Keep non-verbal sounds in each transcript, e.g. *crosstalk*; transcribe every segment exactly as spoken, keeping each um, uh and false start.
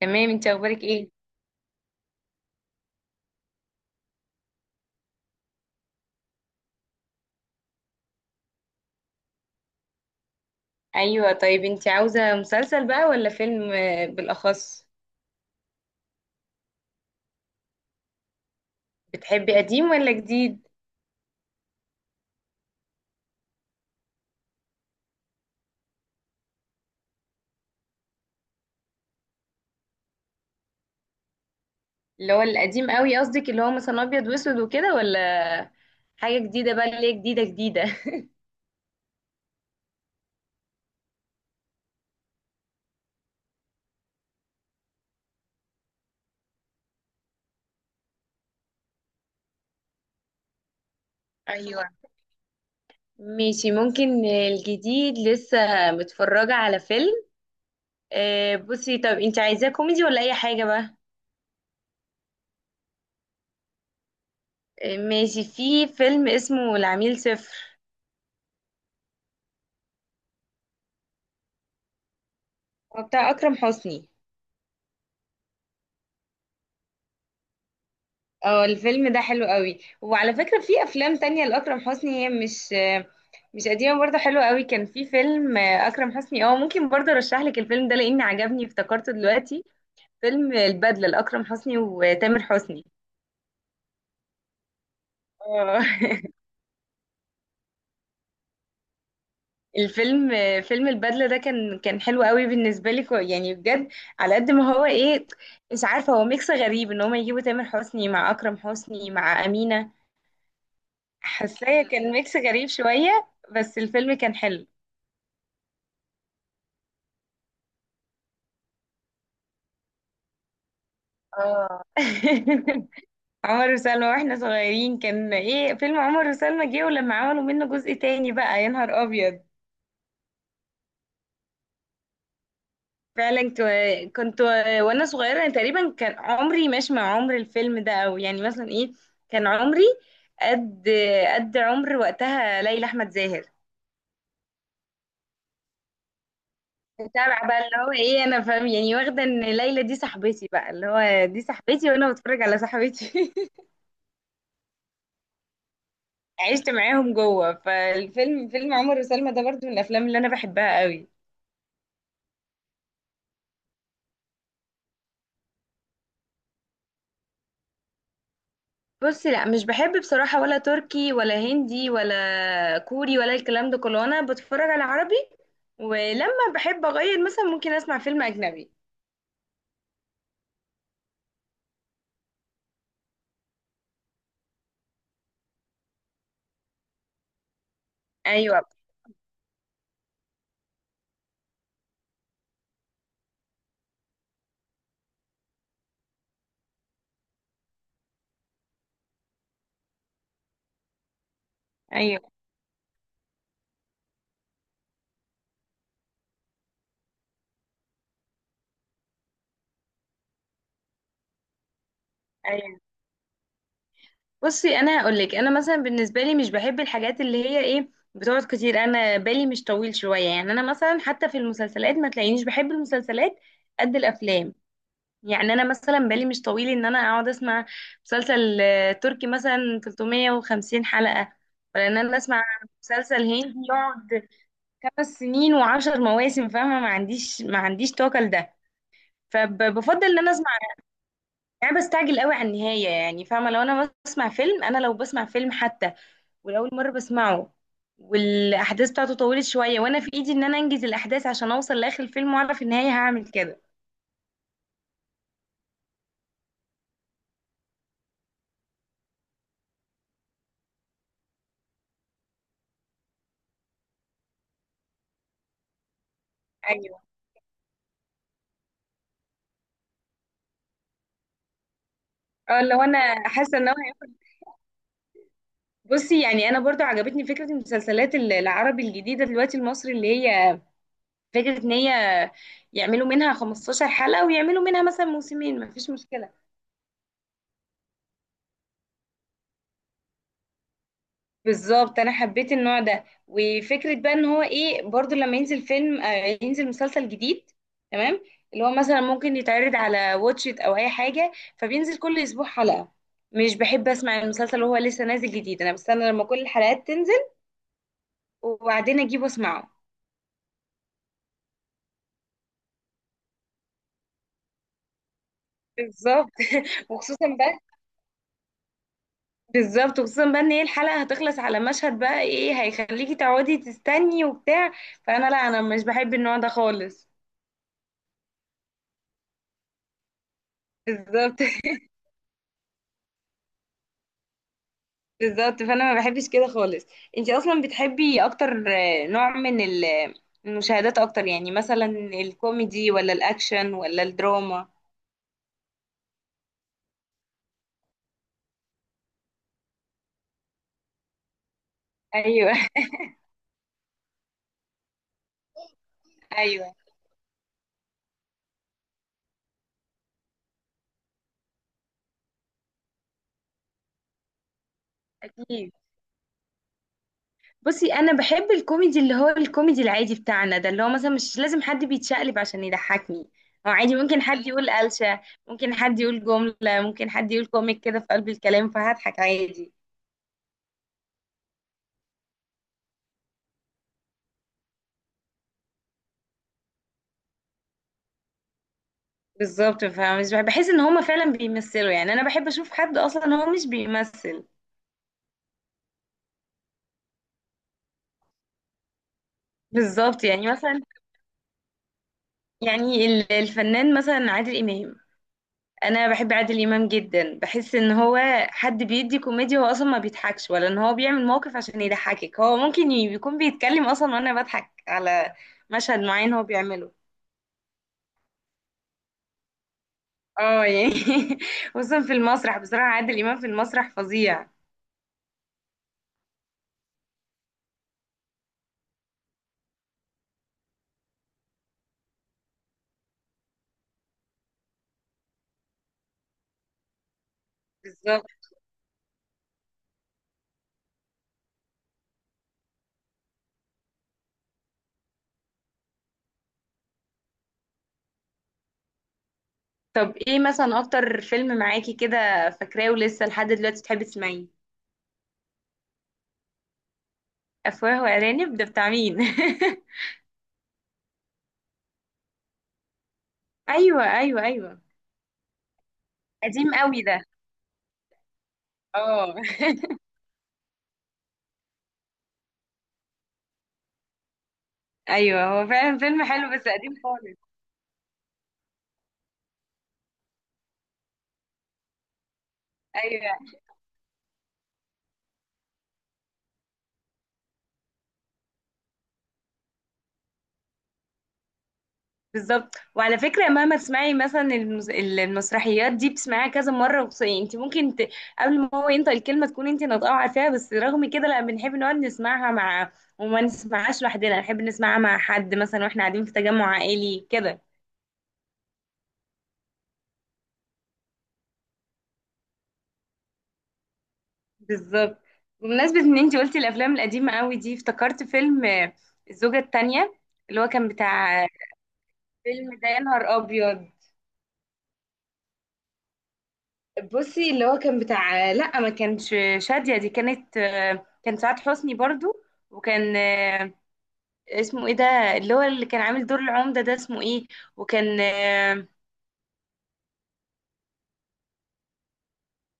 تمام، انت اخبارك ايه؟ ايوه، طيب انت عاوزه مسلسل بقى ولا فيلم، آه، بالاخص؟ بتحبي قديم ولا جديد؟ اللي هو القديم قوي قصدك، اللي هو مثلا ابيض واسود وكده، ولا حاجه جديده بقى اللي هي جديده جديده؟ *laughs* ايوه ماشي، ممكن الجديد، لسه متفرجه على فيلم، آه، بصي طب انت عايزاه كوميدي ولا اي حاجه بقى؟ آه، ماشي، في فيلم اسمه العميل صفر. هو بتاع اكرم حسني. اه، الفيلم ده حلو قوي، وعلى فكرة في افلام تانية لأكرم حسني، هي مش مش قديمة برضه، حلوة قوي. كان في فيلم أكرم حسني، اه ممكن برضه ارشح لك الفيلم ده، لأني عجبني افتكرته دلوقتي. فيلم البدلة لأكرم حسني وتامر حسني. اه. *laughs* الفيلم فيلم البدلة ده كان كان حلو قوي بالنسبة لي، كو- يعني بجد، على قد ما هو ايه، مش عارفة، هو ميكس غريب ان هما يجيبوا تامر حسني مع أكرم حسني مع أمينة. حاساه كان ميكس غريب شوية، بس الفيلم كان حلو. اه. *laughs* عمر وسلمى، واحنا صغيرين كان ايه، فيلم عمر وسلمى جه، ولما عملوا منه جزء تاني بقى يا نهار ابيض. فعلا كنت كنت وانا صغيره، يعني تقريبا كان عمري ماشي مع عمر الفيلم ده، او يعني مثلا ايه، كان عمري قد قد عمر وقتها ليلى احمد زاهر. متابعه بقى اللي هو ايه، انا فاهم يعني، واخده ان ليلى دي صاحبتي بقى، اللي هو دي صاحبتي وانا بتفرج على صاحبتي. *laughs* عشت معاهم جوه فالفيلم، فيلم عمر وسلمى ده برضو من الافلام اللي انا بحبها قوي. بصي، لا مش بحب بصراحة، ولا تركي ولا هندي ولا كوري ولا الكلام ده كله، انا بتفرج على عربي. ولما بحب اغير مثلا ممكن اسمع فيلم اجنبي. ايوه، ايوه، ايوه. بصي انا هقول لك، انا مثلا بالنسبه لي مش بحب الحاجات اللي هي ايه، بتقعد كتير. انا بالي مش طويل شويه، يعني انا مثلا حتى في المسلسلات ما تلاقينيش بحب المسلسلات قد الافلام. يعني انا مثلا بالي مش طويل ان انا اقعد اسمع مسلسل آه، تركي مثلا ثلاث مية وخمسين حلقة، ولا ان انا اسمع مسلسل هندي يقعد خمس سنين وعشر مواسم. فاهمة، ما عنديش ما عنديش طاقة لده، فبفضل ان انا اسمع، يعني بستعجل قوي على النهاية. يعني فاهمة، لو انا بسمع فيلم، انا لو بسمع فيلم حتى ولأول مرة بسمعه، والأحداث بتاعته طولت شوية، وأنا في إيدي إن أنا أنجز الأحداث عشان أوصل لآخر الفيلم وأعرف النهاية، هعمل كده. أيوه. اه لو أنا حاسة إن هو، بصي يعني انا برضو عجبتني فكره المسلسلات ال- العربي الجديده دلوقتي، المصري، اللي هي فكره ان هي يعملوا منها خمسة عشر حلقه، ويعملوا منها مثلا موسمين، مفيش مشكله. بالظبط، انا حبيت النوع ده، وفكره بقى ان هو ايه برضو، لما ينزل فيلم، آه، ينزل مسلسل جديد، تمام، اللي هو مثلا ممكن يتعرض على واتشيت او اي حاجه، فبينزل كل اسبوع حلقه. مش بحب اسمع المسلسل وهو لسه نازل جديد، انا بستنى لما كل الحلقات تنزل وبعدين اجيبه اسمعه. بالظبط. *laughs* وخصوصا بقى بالظبط وخصوصا بقى ان هي الحلقه هتخلص على مشهد بقى ايه هيخليكي تقعدي تستني وبتاع، فانا لا، انا مش بحب النوع ده خالص. بالظبط. *laughs* بالظبط، فانا ما بحبش كده خالص. انتي اصلا بتحبي اكتر آه، نوع من ال- المشاهدات اكتر، يعني مثلا الكوميدي ولا الاكشن ولا الدراما؟ ايوه. *laughs* ايوه، اكيد. بصي انا بحب الكوميدي، اللي هو الكوميدي العادي بتاعنا ده، اللي هو مثلا مش لازم حد بيتشقلب عشان يضحكني، هو عادي ممكن حد يقول قلشة، ممكن حد يقول جملة، ممكن حد يقول كوميك كده في قلب الكلام فهضحك عادي. بالظبط، فمش بح- بحس ان هما فعلا بيمثلوا، يعني انا بحب اشوف حد اصلا هو مش بيمثل. بالظبط، يعني مثلا، يعني ال- الفنان مثلا عادل امام، انا بحب عادل امام جدا، بحس ان هو حد بيدي كوميديا، هو اصلا ما بيضحكش، ولا ان هو بيعمل موقف عشان يضحكك، هو ممكن ي- يكون بيتكلم اصلا وانا بضحك على مشهد معين هو بيعمله. اه يعني. *laughs* خصوصا في المسرح، بصراحة عادل امام في المسرح فظيع. بالظبط. طب ايه مثلا اكتر فيلم معاكي كده فاكراه ولسه لحد دلوقتي بتحبي تسمعيه؟ افواه وارانب، ده بتاع مين؟ *laughs* ايوه، ايوه، ايوه. قديم قوي ده. اه. *laughs* ايوه هو فعلا فيلم حلو بس قديم خالص. ايوه بالظبط، وعلى فكره مهما تسمعي مثلا المس... المسرحيات دي بتسمعيها كذا مره، وخص- انت ممكن ت... قبل ما هو ينطق الكلمه تكون انت ناطقه وعارفاها، بس رغم كده لا بنحب نقعد نسمعها مع، وما نسمعهاش لوحدنا، نحب نسمعها مع حد مثلا واحنا قاعدين في تجمع عائلي كده. بالظبط. بمناسبه ان انت قلتي الافلام القديمه قوي دي، افتكرت فيلم، آه، الزوجه الثانيه، اللي هو كان بتاع، فيلم ده يا نهار ابيض. بصي اللي هو كان بتاع، لا ما كانش شادية. دي كانت آه، كان سعاد حسني برضو. وكان آه، اسمه ايه ده، اللي هو اللي كان عامل دور العمدة ده اسمه ايه، وكان آه،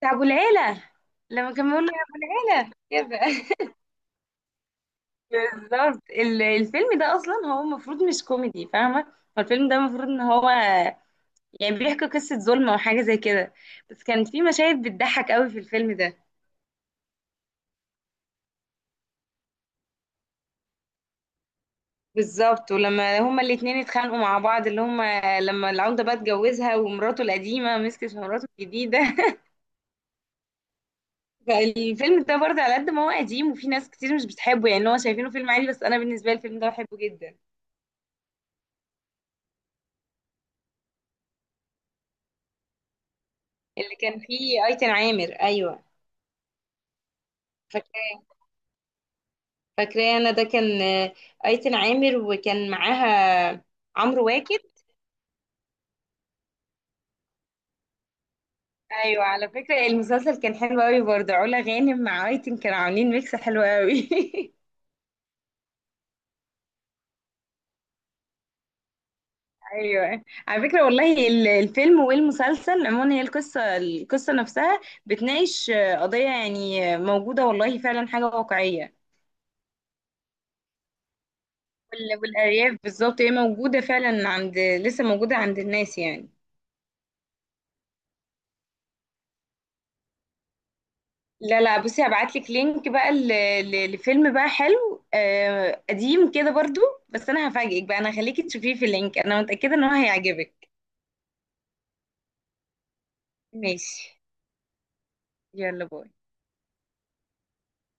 بتاع ابو العيلة، لما كان بيقول له يا ابو العيلة كده. *laughs* بالظبط، ال- الفيلم ده اصلا هو المفروض مش كوميدي، فاهمة، هو الفيلم ده المفروض ان هو يعني بيحكي قصة ظلم او حاجة زي كده، بس كان في مشاهد بتضحك قوي في الفيلم ده. بالظبط، ولما هما الاتنين اتخانقوا مع بعض، اللي هما لما العودة بقى اتجوزها ومراته القديمة مسكت مراته الجديدة. *laughs* فالفيلم ده برضه على قد ما هو قديم وفي ناس كتير مش بتحبه، يعني هو شايفينه فيلم عادي، بس انا بالنسبة لي الفيلم ده بحبه جدا. اللي كان فيه ايتن عامر، ايوه. فاكراه، فاكراه، انا ده كان آه، ايتن عامر، وكان معاها عمرو واكد. ايوه على فكرة المسلسل كان حلو قوي برضه، علا غانم مع ايتن كانوا عاملين ميكس حلو قوي. *laughs* ايوه على فكره والله ال- الفيلم والمسلسل عموما هي القصه القصه نفسها بتناقش آه، قضيه، يعني آه، موجوده، والله فعلا حاجه واقعيه. وال- والارياف بالظبط هي موجوده فعلا عند، لسه موجوده عند الناس يعني. لا، لا، بصي هبعت لك لينك بقى، ل- ل- لفيلم بقى حلو، آه، قديم كده برضو، بس انا هفاجئك بقى، انا هخليكي تشوفيه في اللينك، انا متاكده ان هو هيعجبك. ماشي، يلا، باي.